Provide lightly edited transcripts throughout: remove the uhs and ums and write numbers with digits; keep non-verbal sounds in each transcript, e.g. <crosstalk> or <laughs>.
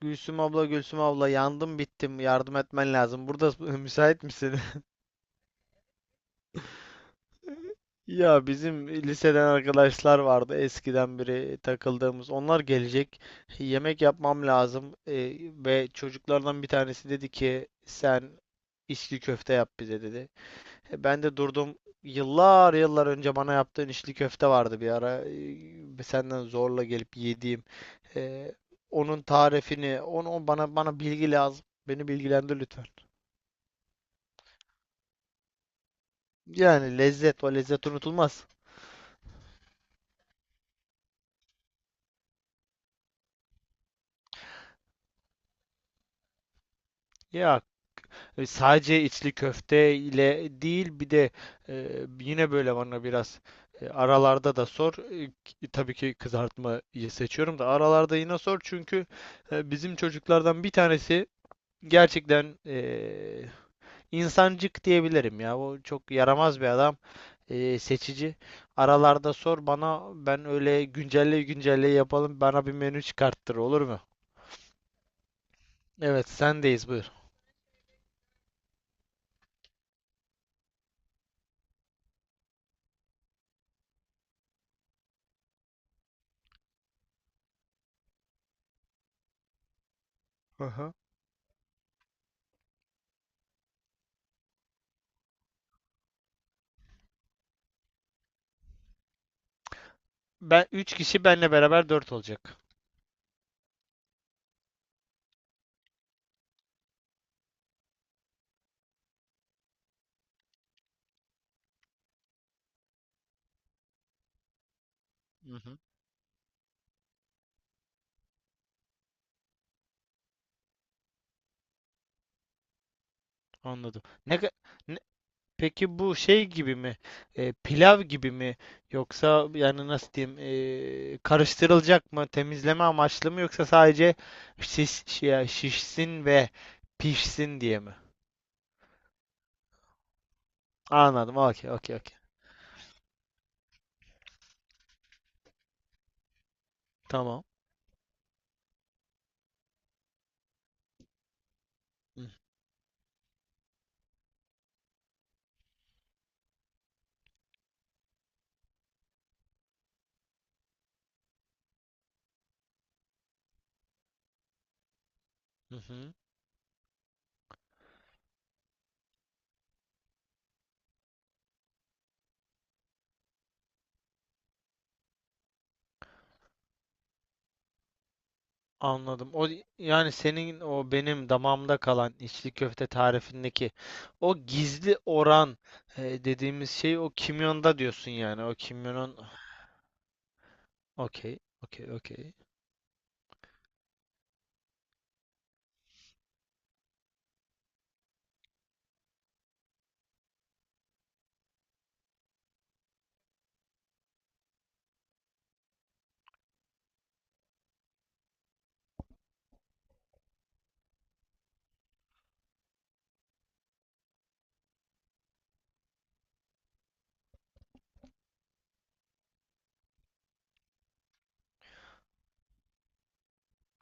Gülsüm abla, Gülsüm abla yandım bittim. Yardım etmen lazım. Burada <laughs> müsait misin? <laughs> Ya bizim liseden arkadaşlar vardı eskiden beri takıldığımız. Onlar gelecek. Yemek yapmam lazım. Ve çocuklardan bir tanesi dedi ki sen içli köfte yap bize dedi. Ben de durdum. Yıllar yıllar önce bana yaptığın içli köfte vardı bir ara. Senden zorla gelip yediğim. Ee, onun tarifini, onu bana bilgi lazım. Beni bilgilendir lütfen. Yani lezzet, o lezzet unutulmaz. Ya sadece içli köfte ile değil, bir de yine böyle bana biraz aralarda da sor. Tabii ki kızartmayı seçiyorum da aralarda yine sor, çünkü bizim çocuklardan bir tanesi gerçekten insancık diyebilirim ya. O çok yaramaz bir adam. Seçici. Aralarda sor bana, ben öyle güncelle güncelle yapalım, bana bir menü çıkarttır, olur mu? Evet, sendeyiz, buyur. Aha. Ben 3 kişi, benle beraber 4 olacak. Hı hı, anladım. Ne- peki bu şey gibi mi? Pilav gibi mi? Yoksa yani nasıl diyeyim? Karıştırılacak mı? Temizleme amaçlı mı? Yoksa sadece şişsin ve pişsin diye mi? Anladım. Okey, okey, okey. Tamam. Hı. Hı hı. Anladım. O, yani senin o benim damağımda kalan içli köfte tarifindeki o gizli oran, dediğimiz şey o kimyonda diyorsun yani. O kimyonun. Okey, okey, okey.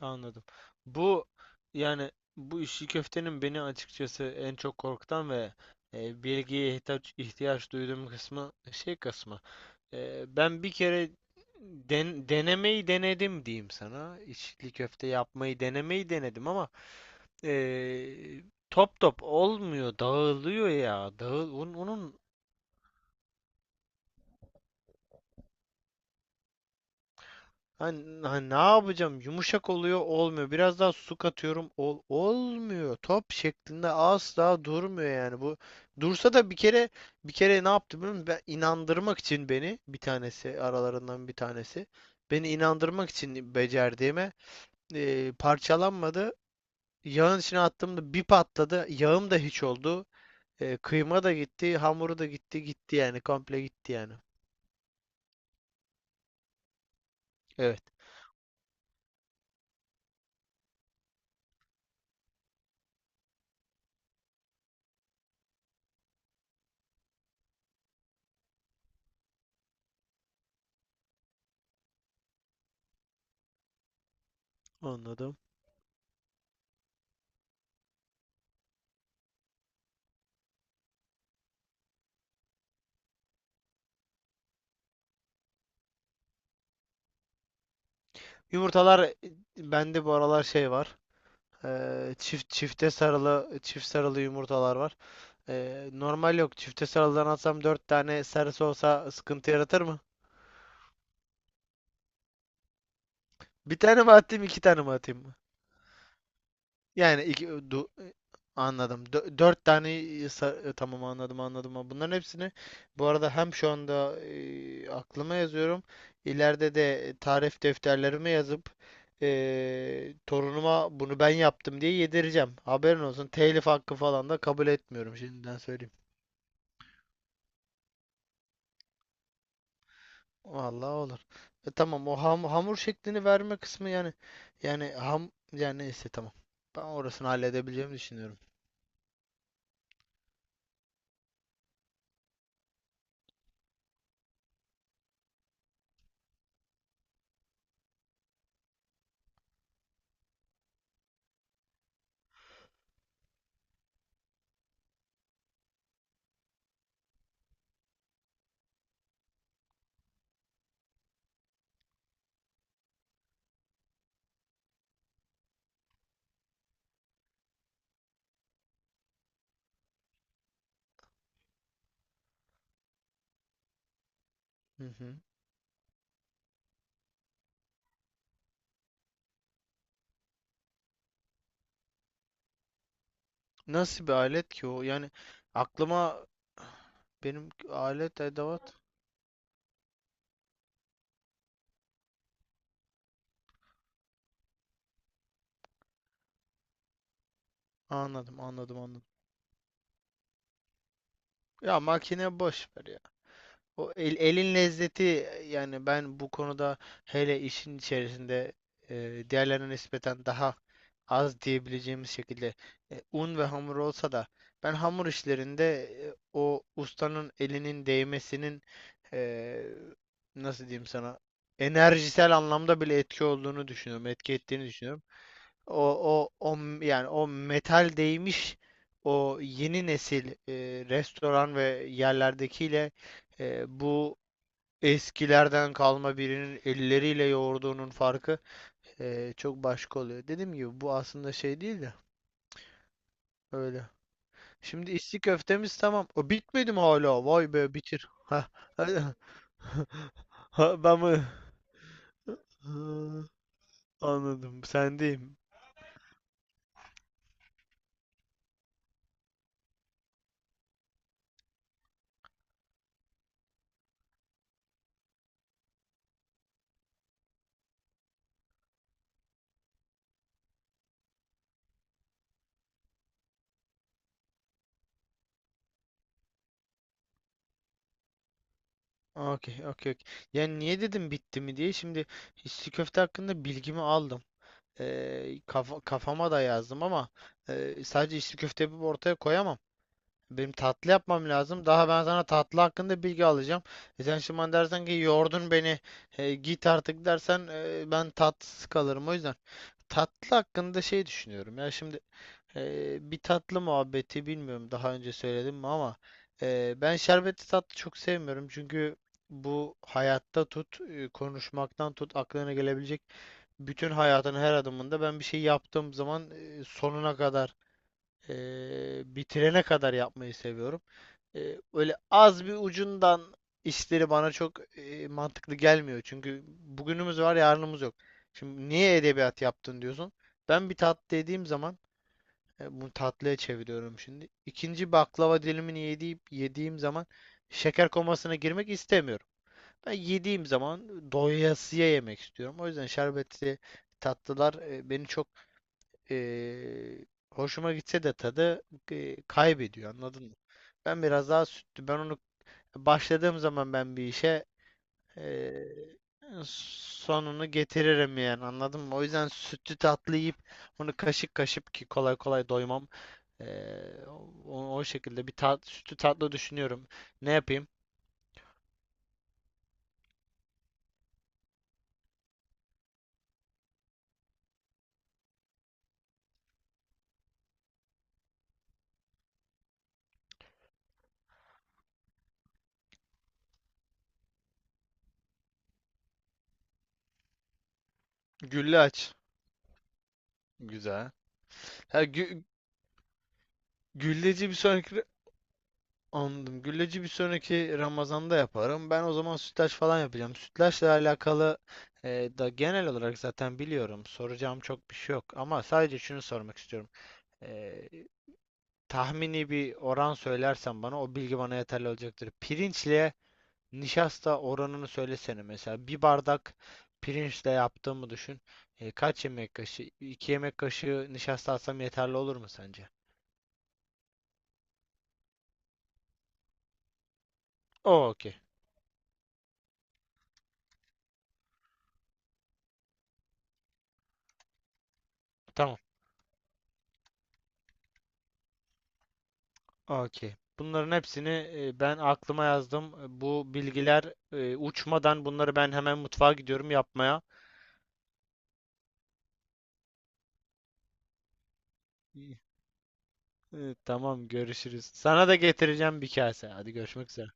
Anladım. Bu, yani bu işi köftenin beni açıkçası en çok korkutan ve bilgiye ihtiyaç duyduğum kısmı, şey kısmı. Ben bir kere denemeyi denedim diyeyim sana. İçli köfte yapmayı denemeyi denedim, ama e, top top olmuyor, dağılıyor ya. Dağıl, onun, onun. Hani, hani ne yapacağım? Yumuşak oluyor, olmuyor. Biraz daha su katıyorum, olmuyor. Top şeklinde asla durmuyor yani. Bu dursa da, bir kere bir kere ne yaptı biliyor musun? Ben inandırmak için, beni bir tanesi, aralarından bir tanesi beni inandırmak için becerdiğime parçalanmadı. Yağın içine attığımda bir patladı. Yağım da hiç oldu. Kıyma da gitti, hamuru da gitti, gitti yani, komple gitti yani. Evet, anladım. Yumurtalar, bende bu aralar şey var. Çift çifte sarılı, çift sarılı yumurtalar var. Normal yok. Çifte sarılıdan atsam 4 tane sarısı olsa sıkıntı yaratır mı? Bir tane mi atayım, 2 tane mi atayım mı? Yani anladım. 4 tane tamam, anladım, anladım. Ha, bunların hepsini bu arada hem şu anda aklıma yazıyorum. İleride de tarif defterlerime yazıp torunuma bunu ben yaptım diye yedireceğim. Haberin olsun. Telif hakkı falan da kabul etmiyorum, şimdiden söyleyeyim. Vallahi olur. Tamam, o hamur şeklini verme kısmı, yani, yani ham yani neyse tamam. Ben orasını halledebileceğimi düşünüyorum. Hı hı. Nasıl bir alet ki o? Yani aklıma, benim alet edevat, anladım, anladım, anladım. Ya makine boş ver ya. O elin lezzeti yani. Ben bu konuda, hele işin içerisinde diğerlerine nispeten daha az diyebileceğimiz şekilde un ve hamur olsa da, ben hamur işlerinde o ustanın elinin değmesinin e, nasıl diyeyim sana, enerjisel anlamda bile etki olduğunu düşünüyorum, etki ettiğini düşünüyorum. O yani o metal değmiş, o yeni nesil restoran ve yerlerdekiyle bu eskilerden kalma birinin elleriyle yoğurduğunun farkı çok başka oluyor. Dediğim gibi, bu aslında şey değil de öyle. Şimdi içli köftemiz tamam. O bitmedi mi hala? Vay be, bitir. Ha. <laughs> Ha, ha, anladım. Sendeyim. Okey, okey, okey. Yani niye dedim bitti mi diye. Şimdi içli köfte hakkında bilgimi aldım. Kafama da yazdım ama sadece içli köfte yapıp ortaya koyamam. Benim tatlı yapmam lazım. Daha ben sana tatlı hakkında bilgi alacağım. E sen şimdi bana dersen ki yordun beni, git artık dersen, ben tatsız kalırım. O yüzden tatlı hakkında şey düşünüyorum. Ya şimdi bir tatlı muhabbeti, bilmiyorum daha önce söyledim mi ama ben şerbetli tatlı çok sevmiyorum, çünkü bu hayatta tut, konuşmaktan tut, aklına gelebilecek bütün hayatın her adımında ben bir şey yaptığım zaman sonuna kadar, bitirene kadar yapmayı seviyorum. Öyle az bir ucundan işleri bana çok mantıklı gelmiyor, çünkü bugünümüz var, yarınımız yok. Şimdi niye edebiyat yaptın diyorsun? Ben bir tatlı dediğim zaman, bunu tatlıya çeviriyorum şimdi. İkinci baklava dilimini yediğim zaman şeker komasına girmek istemiyorum. Ben yediğim zaman doyasıya yemek istiyorum. O yüzden şerbetli tatlılar beni çok, e, hoşuma gitse de tadı kaybediyor. Anladın mı? Ben biraz daha sütlü. Ben onu başladığım zaman, ben bir işe ee, sonunu getiririm yani, anladın mı? O yüzden sütlü tatlı yiyip bunu kaşık kaşık, ki kolay kolay doymam. Ee, o şekilde sütlü tatlı düşünüyorum. Ne yapayım? Gülle aç. Güzel. Ha, gülleci bir sonraki, anladım. Gülleci bir sonraki Ramazan'da yaparım. Ben o zaman sütlaç falan yapacağım. Sütlaçla alakalı da genel olarak zaten biliyorum. Soracağım çok bir şey yok. Ama sadece şunu sormak istiyorum. E, tahmini bir oran söylersen bana, o bilgi bana yeterli olacaktır. Pirinçle nişasta oranını söylesene mesela. Bir bardak pirinçle yaptığımı düşün. Kaç yemek kaşığı? 2 yemek kaşığı nişasta atsam yeterli olur mu sence? O, okey. Tamam. Okey. Bunların hepsini ben aklıma yazdım. Bu bilgiler uçmadan, bunları ben hemen mutfağa gidiyorum yapmaya. İyi. Tamam, görüşürüz. Sana da getireceğim bir kase. Hadi görüşmek üzere.